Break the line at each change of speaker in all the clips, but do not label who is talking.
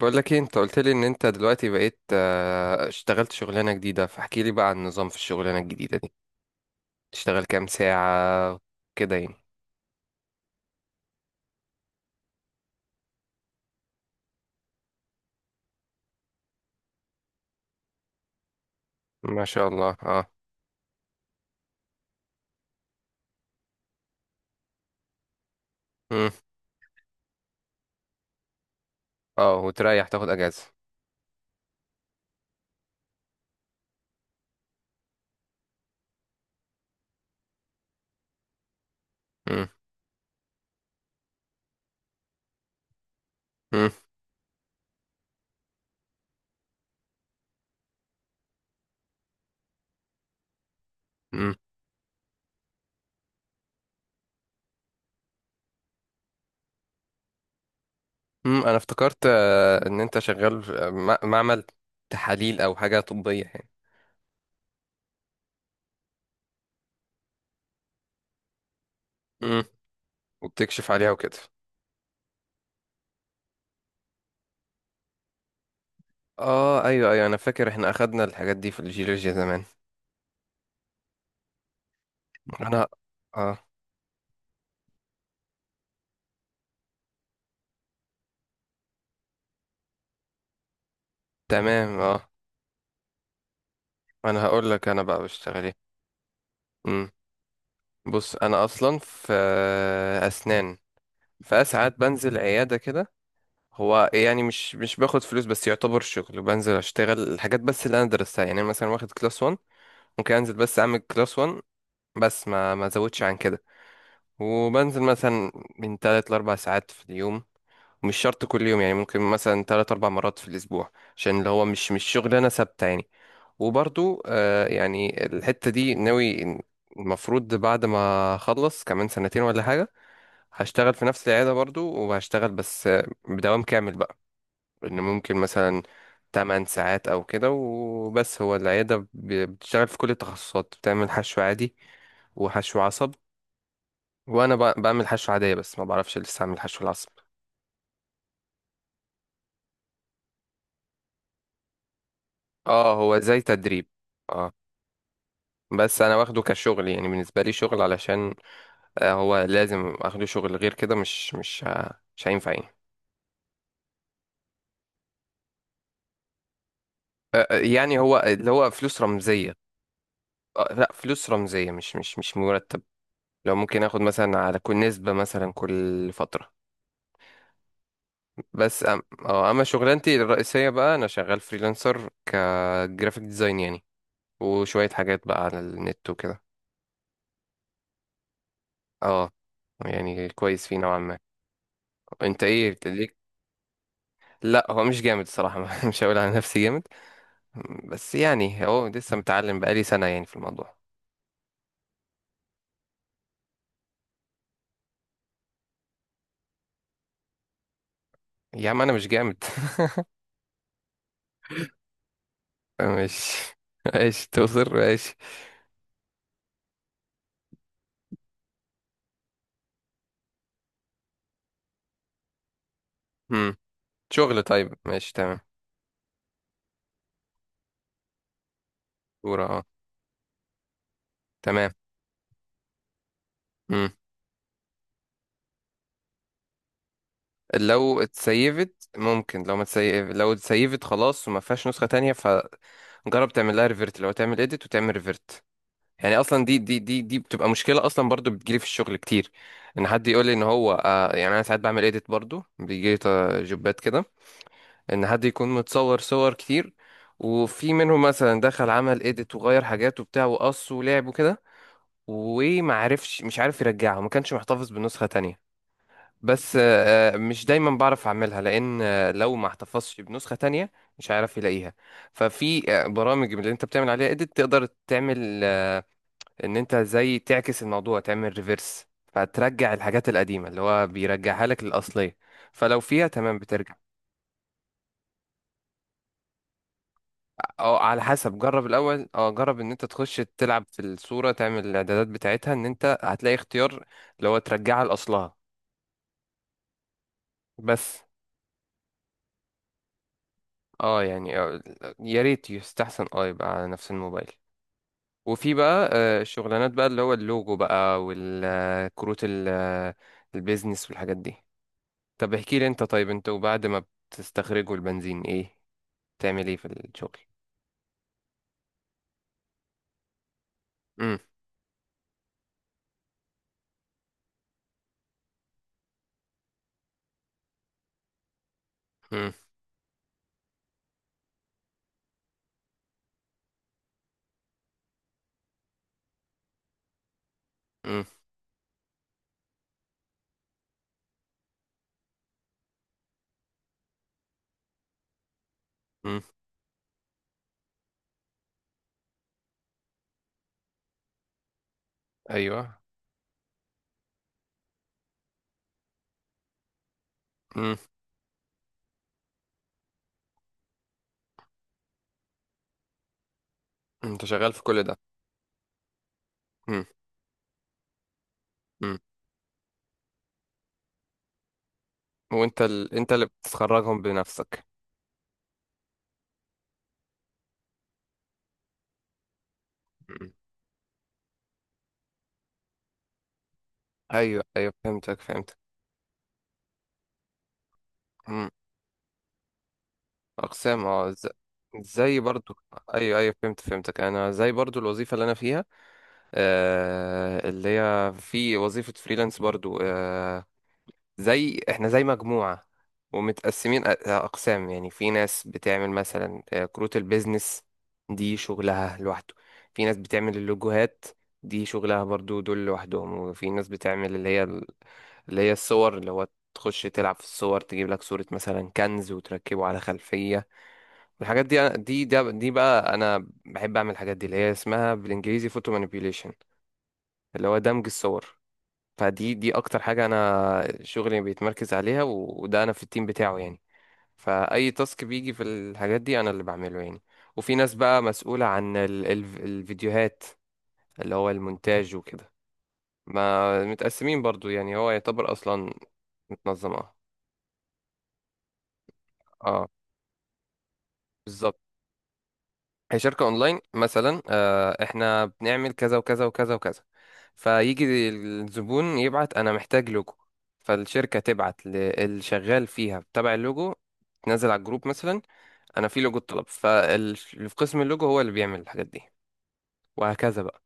بقول لك ايه، انت قلت لي ان انت دلوقتي بقيت اشتغلت شغلانة جديدة، فاحكي لي بقى عن النظام في الشغلانة الجديدة دي. تشتغل كام ساعة؟ كده يعني. ما شاء الله. اه. مم. اه، وتريح تاخد اجازة؟ مم. مم. مم. مم. انا افتكرت ان انت شغال في معمل تحاليل او حاجة طبية يعني. مم. وبتكشف عليها وكده. اه، ايوه ايوه، انا فاكر احنا اخدنا الحاجات دي في الجيولوجيا زمان. انا. اه. تمام، اه. انا هقول لك، انا بقى بشتغل. ايه؟ بص، انا اصلا في اسنان. فساعات بنزل عياده كده. هو يعني مش باخد فلوس، بس يعتبر شغل، بنزل اشتغل الحاجات بس اللي انا درستها يعني. أنا مثلا واخد كلاس 1. ممكن انزل بس اعمل كلاس 1. بس ما ازودش عن كده. وبنزل مثلا من 3 ل 4 ساعات في اليوم. مش شرط كل يوم يعني، ممكن مثلا 3 4 مرات في الاسبوع. عشان اللي هو مش شغلانه ثابته يعني. وبرضو يعني الحته دي ناوي. المفروض بعد ما اخلص كمان سنتين ولا حاجه، هشتغل في نفس العيادة برضو، وهشتغل بس بدوام كامل بقى. لأن ممكن مثلا 8 ساعات أو كده وبس. هو العيادة بتشتغل في كل التخصصات، بتعمل حشو عادي وحشو عصب. وأنا بعمل حشو عادية، بس ما بعرفش لسه أعمل حشو العصب. اه، هو زي تدريب. اه. بس أنا واخده كشغل يعني، بالنسبة لي شغل علشان هو لازم أخده شغل، غير كده مش هينفع يعني. يعني هو اللي هو فلوس رمزية. لا فلوس رمزية، مش مرتب. لو ممكن اخد مثلا على كل نسبة مثلا كل فترة. بس أم... اه اما شغلانتي الرئيسية بقى، انا شغال فريلانسر كجرافيك ديزاين يعني. وشوية حاجات بقى على النت وكده. اه، يعني كويس فيه نوعا ما. انت ايه ليك؟ لا، هو مش جامد الصراحة. مش هقول على نفسي جامد. بس يعني هو لسه متعلم، بقالي سنة يعني في الموضوع. يا عم، انا مش جامد. ماشي. ماشي توصل، ماشي. مم. شغل؟ طيب، ماشي، تمام. صورة، اه. تمام. مم. لو اتسيفت ممكن، لو ما تسيف، لو اتسيفت خلاص وما فيهاش نسخة تانية، فجرب تعمل لها ريفرت. لو تعمل اديت وتعمل ريفرت. يعني اصلا دي بتبقى مشكلة اصلا، برضو بتجيلي في الشغل كتير. ان حد يقول لي ان هو يعني انا ساعات بعمل اديت، برضو بيجيلي جوبات كده. ان حد يكون متصور صور كتير. وفي منهم مثلا دخل عمل اديت وغير حاجات وبتاع وقص ولعب وكده. مش عارف يرجعها، ما كانش محتفظ بنسخة تانية. بس مش دايما بعرف اعملها، لان لو ما احتفظتش بنسخة تانية. مش هعرف يلاقيها. ففي برامج من اللي انت بتعمل عليها اديت، تقدر تعمل ان انت زي تعكس الموضوع، تعمل ريفرس. فترجع الحاجات القديمة، اللي هو بيرجعها لك للأصلية. فلو فيها تمام، بترجع. او على حسب، جرب الاول اه جرب ان انت تخش تلعب في الصورة، تعمل الاعدادات بتاعتها، ان انت هتلاقي اختيار. اللي هو ترجعها لأصلها. بس. اه يعني يا ريت يستحسن يبقى على نفس الموبايل. وفي بقى شغلانات بقى، اللي هو اللوجو بقى، والكروت البيزنس والحاجات دي. طب احكي لي، انت طيب، انت وبعد ما بتستخرجوا البنزين، تعمل ايه في الشغل؟ امم. امم. امم. امم. ايوه. امم. امم. انت شغال في كل ده؟ امم. امم. وانت انت اللي بتخرجهم بنفسك؟ مم. ايوه ايوه، فهمتك فهمتك. امم. اقسام، اه. زي برضو. ايوه ايوه، فهمتك. انا زي برضو الوظيفة اللي انا فيها. اللي هي في وظيفة فريلانس برضو احنا زي مجموعة. ومتقسمين أقسام يعني. في ناس بتعمل مثلا كروت البيزنس. دي شغلها لوحده. في ناس بتعمل اللوجوهات. دي شغلها برضو، دول لوحدهم. وفي ناس بتعمل اللي هي اللي هي الصور، اللي هو تخش تلعب في الصور، تجيب لك صورة مثلا كنز وتركبه على خلفية. والحاجات دي، دي بقى أنا بحب أعمل الحاجات دي، اللي هي اسمها بالإنجليزي فوتو manipulation. اللي هو دمج الصور. دي اكتر حاجة انا شغلي بيتمركز عليها، وده انا في التيم بتاعه يعني. فاي تاسك بيجي في الحاجات دي، انا اللي بعمله يعني. وفي ناس بقى مسؤولة عن ال ال الفيديوهات. اللي هو المونتاج وكده. ما متقسمين برضو يعني، هو يعتبر اصلا متنظم، اه. اه، بالظبط. هي شركة اونلاين، مثلا احنا بنعمل كذا وكذا وكذا وكذا. فيجي الزبون يبعت انا محتاج لوجو. فالشركة تبعت للشغال فيها تبع اللوجو. تنزل على الجروب مثلا. انا في لوجو الطلب، فاللي في قسم اللوجو هو اللي بيعمل الحاجات دي. وهكذا بقى.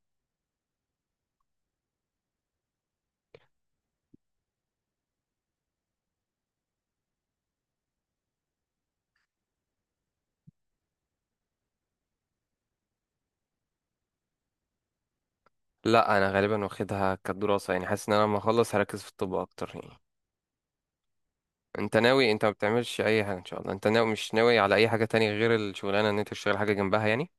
لا، انا غالبا واخدها كدراسة، يعني حاسس ان انا لما اخلص هركز في الطب اكتر يعني. انت ناوي؟ انت ما بتعملش اي حاجة ان شاء الله؟ انت ناوي مش ناوي على اي حاجة تانية غير الشغلانة ان انت تشتغل حاجة جنبها يعني؟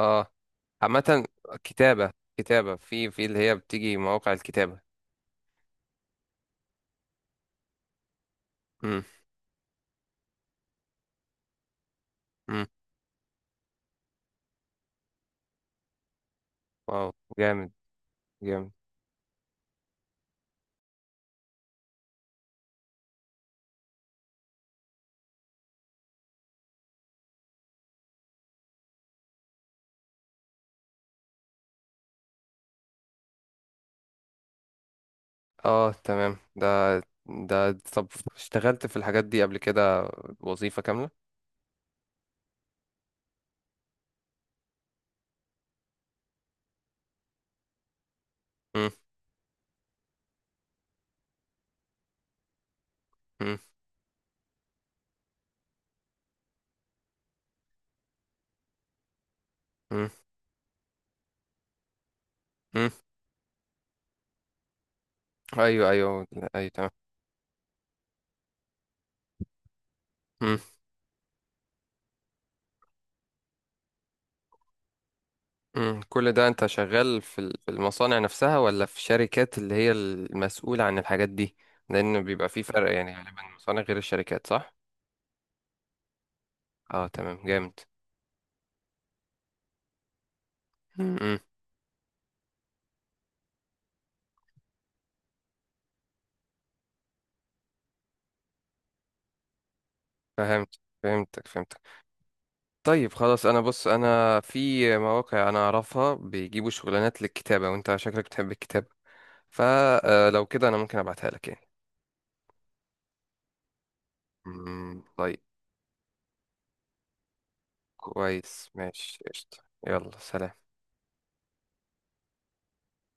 اه، عامة. كتابة في اللي هي بتيجي مواقع الكتابة. امم. امم. واو، جامد. جامد. اه، تمام، ده. ده، طب. اشتغلت في الحاجات دي قبل كده وظيفة كاملة؟ امم. امم. امم. امم. ايوه. ايوه. ايوه. تمام. امم. امم. كل ده انت شغال في في المصانع نفسها، ولا في شركات اللي هي المسؤولة عن الحاجات دي؟ لان بيبقى في فرق يعني، غالبا المصانع غير الشركات، صح؟ اه، تمام، جامد. امم. فهمت فهمتك فهمتك. طيب خلاص، انا بص، انا في مواقع انا اعرفها بيجيبوا شغلانات للكتابة، وانت شكلك بتحب الكتابة. فلو كده انا ممكن ابعتها لك يعني. طيب. كويس، ماشي، قشطة. يلا، سلام.